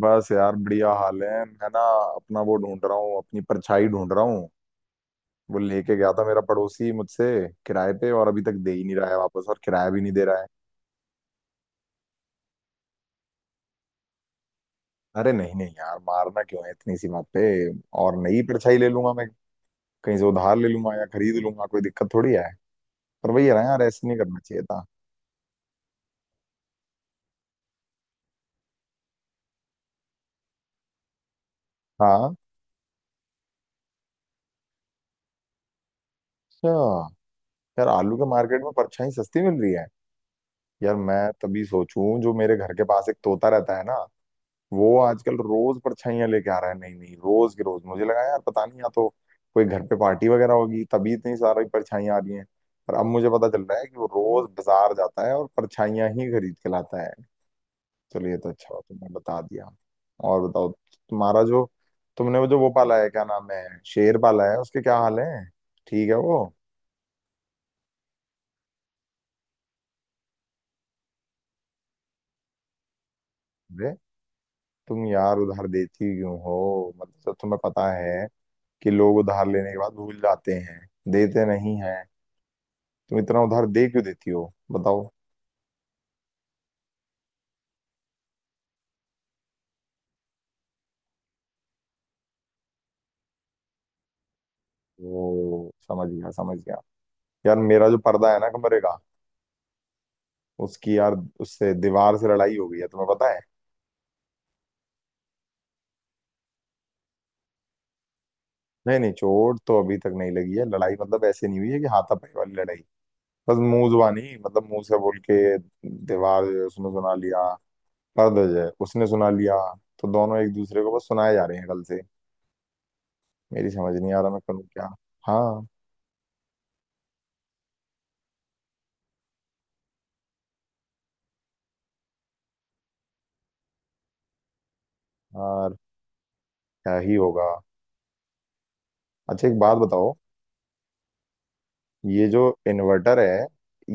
बस यार बढ़िया हाल है। मैं ना अपना वो ढूंढ रहा हूँ, अपनी परछाई ढूंढ रहा हूँ। वो लेके गया था मेरा पड़ोसी मुझसे किराए पे, और अभी तक दे ही नहीं रहा है वापस, और किराया भी नहीं दे रहा है। अरे नहीं नहीं यार, मारना क्यों है इतनी सी बात पे। और नई परछाई ले लूंगा मैं, कहीं से उधार ले लूंगा या खरीद लूंगा, कोई दिक्कत थोड़ी है। पर वही है ना यार, ऐसे नहीं करना चाहिए था। हाँ। अच्छा, यार आलू के मार्केट में परछाई सस्ती मिल रही है। यार मैं तभी सोचूं, जो मेरे घर के पास एक तोता रहता है ना, वो आजकल रोज परछाइयां लेके आ रहा है। नहीं नहीं, रोज के रोज मुझे लगा यार पता नहीं, या तो कोई घर पे पार्टी वगैरह होगी तभी इतनी सारी परछाइयां आ रही हैं। पर अब मुझे पता चल रहा है कि वो रोज बाजार जाता है और परछाइयां ही खरीद के लाता है। चलिए ये तो अच्छा हुआ तुमने बता दिया। और बताओ, तुम्हारा जो तुमने वो जो वो पाला है, क्या नाम है, शेर पाला है, उसके क्या हाल है। ठीक है वो। अरे तुम यार उधार देती क्यों हो। मतलब तुम्हें पता है कि लोग उधार लेने के बाद भूल जाते हैं, देते नहीं है। तुम इतना उधार दे क्यों देती हो बताओ। वो समझ गया समझ गया। यार मेरा जो पर्दा है ना कमरे का, उसकी यार उससे दीवार से लड़ाई हो गई है, तुम्हें पता है। नहीं नहीं, चोट तो अभी तक नहीं लगी है। लड़ाई मतलब ऐसे नहीं हुई है कि हाथापाई वाली लड़ाई, बस मुंह जुबानी, मतलब मुंह से बोल के। दीवार जो है, उसने सुना लिया, पर्दा जो है उसने सुना लिया। तो दोनों एक दूसरे को बस सुनाए जा रहे हैं कल से। मेरी समझ नहीं आ रहा मैं करूँ क्या। हाँ। यार क्या ही होगा। अच्छा एक बात बताओ, ये जो इन्वर्टर है,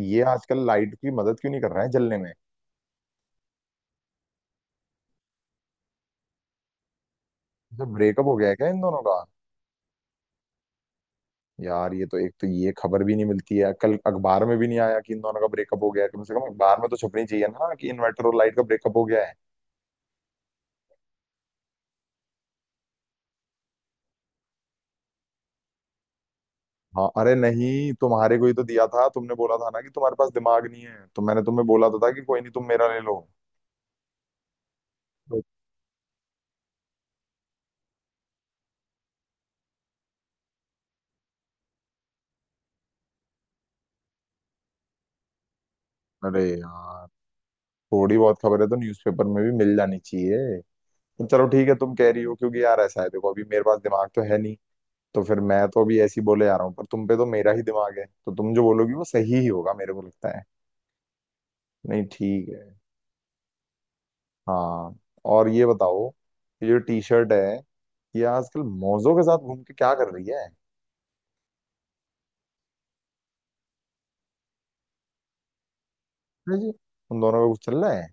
ये आजकल लाइट की मदद क्यों नहीं कर रहा है जलने में। जब ब्रेकअप हो गया है क्या इन दोनों का। यार ये तो एक तो ये खबर भी नहीं मिलती है, कल अखबार में भी नहीं आया कि इन दोनों का ब्रेकअप हो गया है। कम से कम अखबार में तो छपनी चाहिए ना कि इन्वर्टर और लाइट का ब्रेकअप हो गया है। हाँ अरे नहीं, तुम्हारे को ही तो दिया था, तुमने बोला था ना कि तुम्हारे पास दिमाग नहीं है, तो मैंने तुम्हें बोला तो था कि कोई नहीं, तुम मेरा ले लो। तो- अरे यार थोड़ी बहुत खबर है तो न्यूज़पेपर में भी मिल जानी चाहिए। तो चलो ठीक है, तुम कह रही हो, क्योंकि यार ऐसा है देखो, अभी मेरे पास दिमाग तो है नहीं, तो फिर मैं तो अभी ऐसी बोले जा रहा हूँ, पर तुम पे तो मेरा ही दिमाग है, तो तुम जो बोलोगी वो सही ही होगा मेरे को लगता है। नहीं ठीक है। हाँ। और ये बताओ कि जो टी शर्ट है, ये आजकल मौजों के साथ घूम के क्या कर रही है। अरे जी, उन दोनों का कुछ चल रहा है।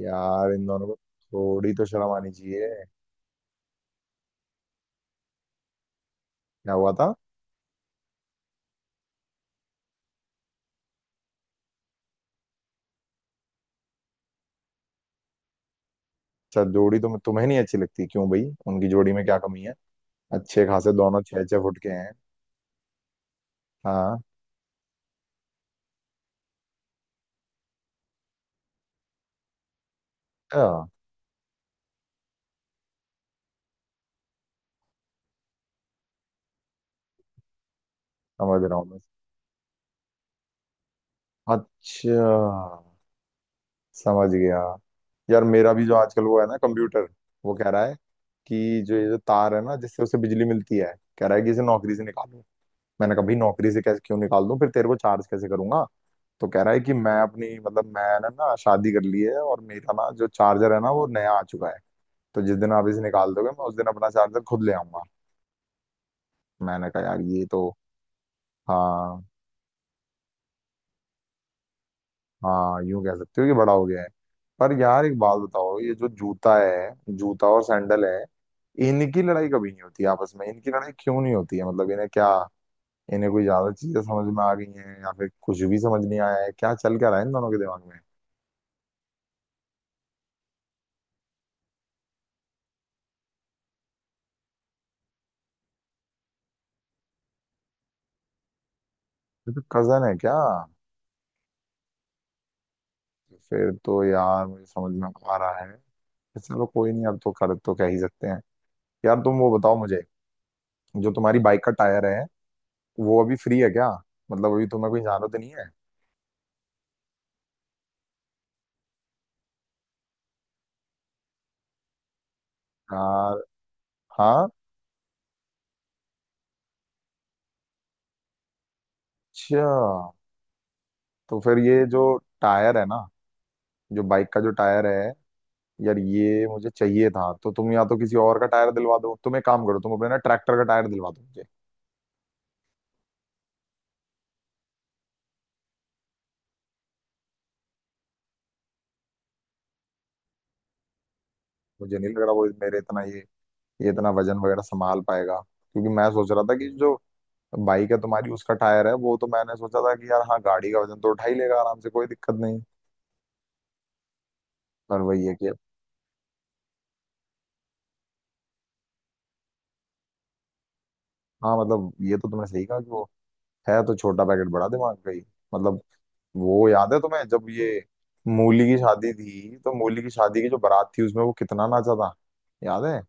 यार इन दोनों को थोड़ी तो शर्म आनी चाहिए। क्या हुआ था। अच्छा जोड़ी तो तुम्हें नहीं अच्छी लगती, क्यों भाई, उनकी जोड़ी में क्या कमी है। अच्छे खासे दोनों छह छह फुट के हैं। हाँ। अच्छा, समझ रहा हूँ मैं। अच्छा, समझ गया। यार मेरा भी जो आजकल वो है ना कंप्यूटर, वो कह रहा है कि जो ये जो तार है ना जिससे उसे बिजली मिलती है, कह रहा है कि इसे नौकरी से निकालो। मैंने कहा भाई नौकरी से कैसे, क्यों निकाल दूं, फिर तेरे को चार्ज कैसे करूंगा। तो कह रहा है कि मैं अपनी मतलब मैंने ना शादी कर ली है और मेरा ना जो चार्जर है ना वो नया आ चुका है। तो जिस दिन आप इसे निकाल दोगे, मैं उस दिन अपना चार्जर खुद ले आऊंगा। मैंने कहा यार ये तो। हाँ। हाँ यूं कह सकते हो कि बड़ा हो गया है। पर यार एक बात बताओ, ये जो जूता है, जूता और सैंडल है, इनकी लड़ाई कभी नहीं होती आपस में, इनकी लड़ाई क्यों नहीं होती है। मतलब इन्हें क्या, इन्हें कोई ज्यादा चीजें समझ में आ गई हैं या फिर कुछ भी समझ नहीं आया है, क्या चल क्या रहा है इन दोनों के दिमाग में। ये तो कजन है क्या। फिर तो यार मुझे समझ में आ रहा है। फिर चलो कोई नहीं, अब तो कर तो कह ही सकते हैं। यार तुम वो बताओ मुझे, जो तुम्हारी बाइक का टायर है वो अभी फ्री है क्या, मतलब अभी तुम्हें कोई जरूरत नहीं है। यार। हाँ। अच्छा तो फिर ये जो टायर है ना, जो बाइक का जो टायर है, यार ये मुझे चाहिए था। तो तुम या तो किसी और का टायर दिलवा दो, तुम एक काम करो, तुम अपने ना ट्रैक्टर का टायर दिलवा दो मुझे। मुझे नहीं लग रहा वो मेरे इतना ये इतना वजन वगैरह संभाल पाएगा, क्योंकि मैं सोच रहा था कि जो बाइक है तुम्हारी उसका टायर है, वो तो मैंने सोचा था कि यार हाँ गाड़ी का वजन तो उठा ही लेगा आराम से, कोई दिक्कत नहीं। पर वही है कि। हाँ मतलब ये तो तुमने सही कहा कि वो है तो छोटा पैकेट बड़ा दिमाग का ही। मतलब वो याद है तुम्हें, जब ये मूली की शादी थी, तो मूली की शादी की जो बारात थी उसमें वो कितना नाचा था, याद है।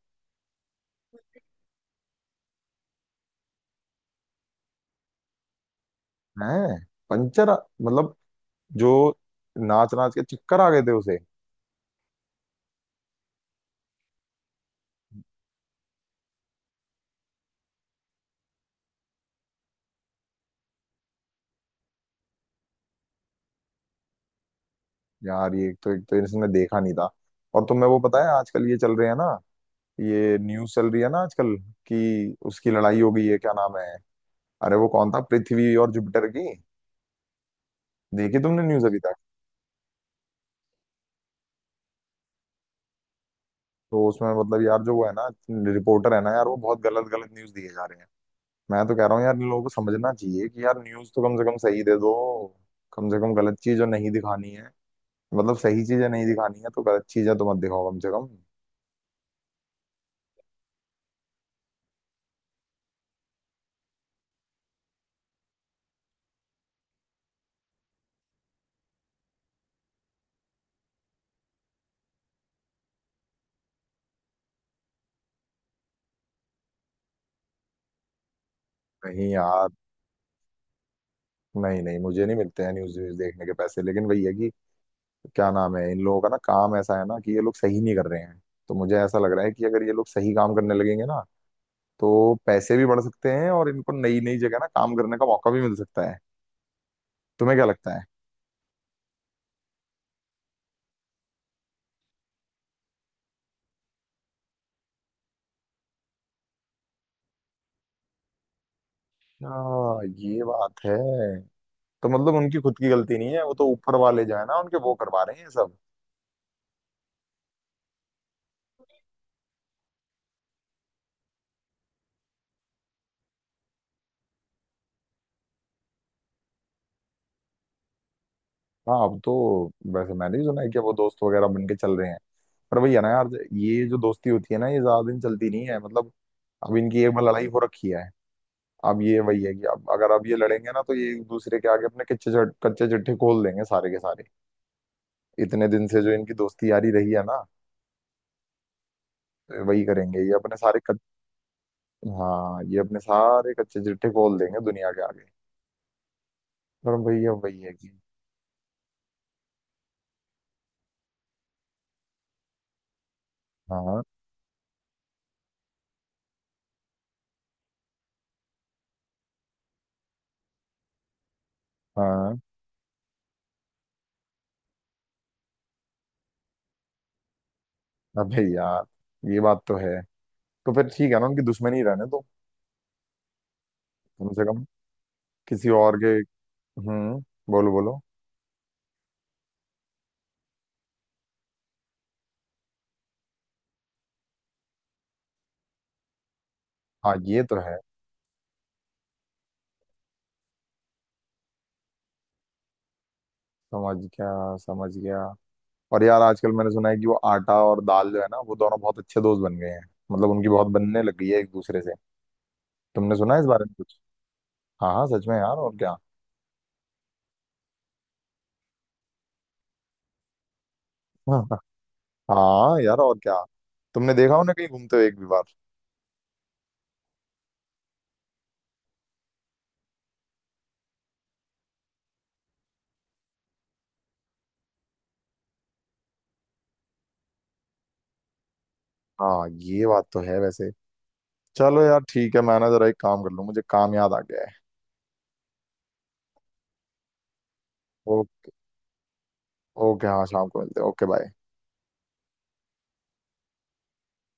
हैं, पंचर, मतलब जो नाच नाच के चक्कर आ गए थे उसे। यार ये तो एक तो इसने देखा नहीं था। और तुम्हें वो पता है आजकल ये चल रहे हैं ना, ये न्यूज चल रही है ना आजकल कि उसकी लड़ाई हो गई है, क्या नाम है, अरे वो कौन था, पृथ्वी और जुपिटर की, देखी तुमने न्यूज अभी तक। तो उसमें मतलब यार जो वो है ना रिपोर्टर है ना यार, वो बहुत गलत गलत न्यूज दिए जा रहे हैं। मैं तो कह रहा हूँ यार इन लोगों को समझना चाहिए कि यार न्यूज़ तो कम से कम सही दे दो। कम से कम गलत चीज़ जो नहीं दिखानी है, मतलब सही चीजें नहीं दिखानी है तो गलत चीजें तो मत दिखाओ कम से कम। नहीं यार, नहीं नहीं, मुझे नहीं मिलते हैं न्यूज़ व्यूज देखने के पैसे, लेकिन वही है कि क्या नाम है इन लोगों का ना, काम ऐसा है ना कि ये लोग सही नहीं कर रहे हैं। तो मुझे ऐसा लग रहा है कि अगर ये लोग सही काम करने लगेंगे ना, तो पैसे भी बढ़ सकते हैं और इनको नई नई जगह ना काम करने का मौका भी मिल सकता है। तुम्हें क्या लगता है। हाँ ये बात है। तो मतलब उनकी खुद की गलती नहीं है, वो तो ऊपर वाले जो है ना उनके, वो करवा रहे हैं ये सब। हाँ अब तो वैसे मैंने भी सुना है कि अब वो दोस्त वगैरह बन के चल रहे हैं। पर भैया ना यार, ये जो दोस्ती होती है ना, ये ज्यादा दिन चलती नहीं है। मतलब अब इनकी एक बार लड़ाई हो रखी है। अब ये वही है कि अब अगर अब ये लड़ेंगे ना, तो ये एक दूसरे के आगे अपने कच्चे चिट्ठे खोल देंगे सारे के सारे, इतने दिन से जो इनकी दोस्ती यारी रही है ना। तो वही करेंगे ये अपने सारे। हाँ ये अपने सारे कच्चे चिट्ठे खोल देंगे दुनिया के आगे। पर भैया वही है कि। हाँ। हाँ। अबे यार ये बात तो है। तो फिर ठीक है ना, उनकी दुश्मनी रहने दो कम से कम किसी और के। हम्म, बोलो बोलो। हाँ ये तो है। समझ गया समझ गया। और यार आजकल मैंने सुना है कि वो आटा और दाल जो है ना, वो दोनों बहुत अच्छे दोस्त बन गए हैं। मतलब उनकी बहुत बनने लग गई है एक दूसरे से। तुमने सुना है इस बारे में कुछ। हाँ हाँ सच में यार, और क्या। हाँ यार और क्या। तुमने देखा उन्हें कहीं घूमते हुए एक भी बार। हाँ ये बात तो है वैसे। चलो यार ठीक है, मैं ना जरा एक काम कर लूँ, मुझे काम याद आ गया है। ओके हाँ, शाम को मिलते हैं। Okay bye.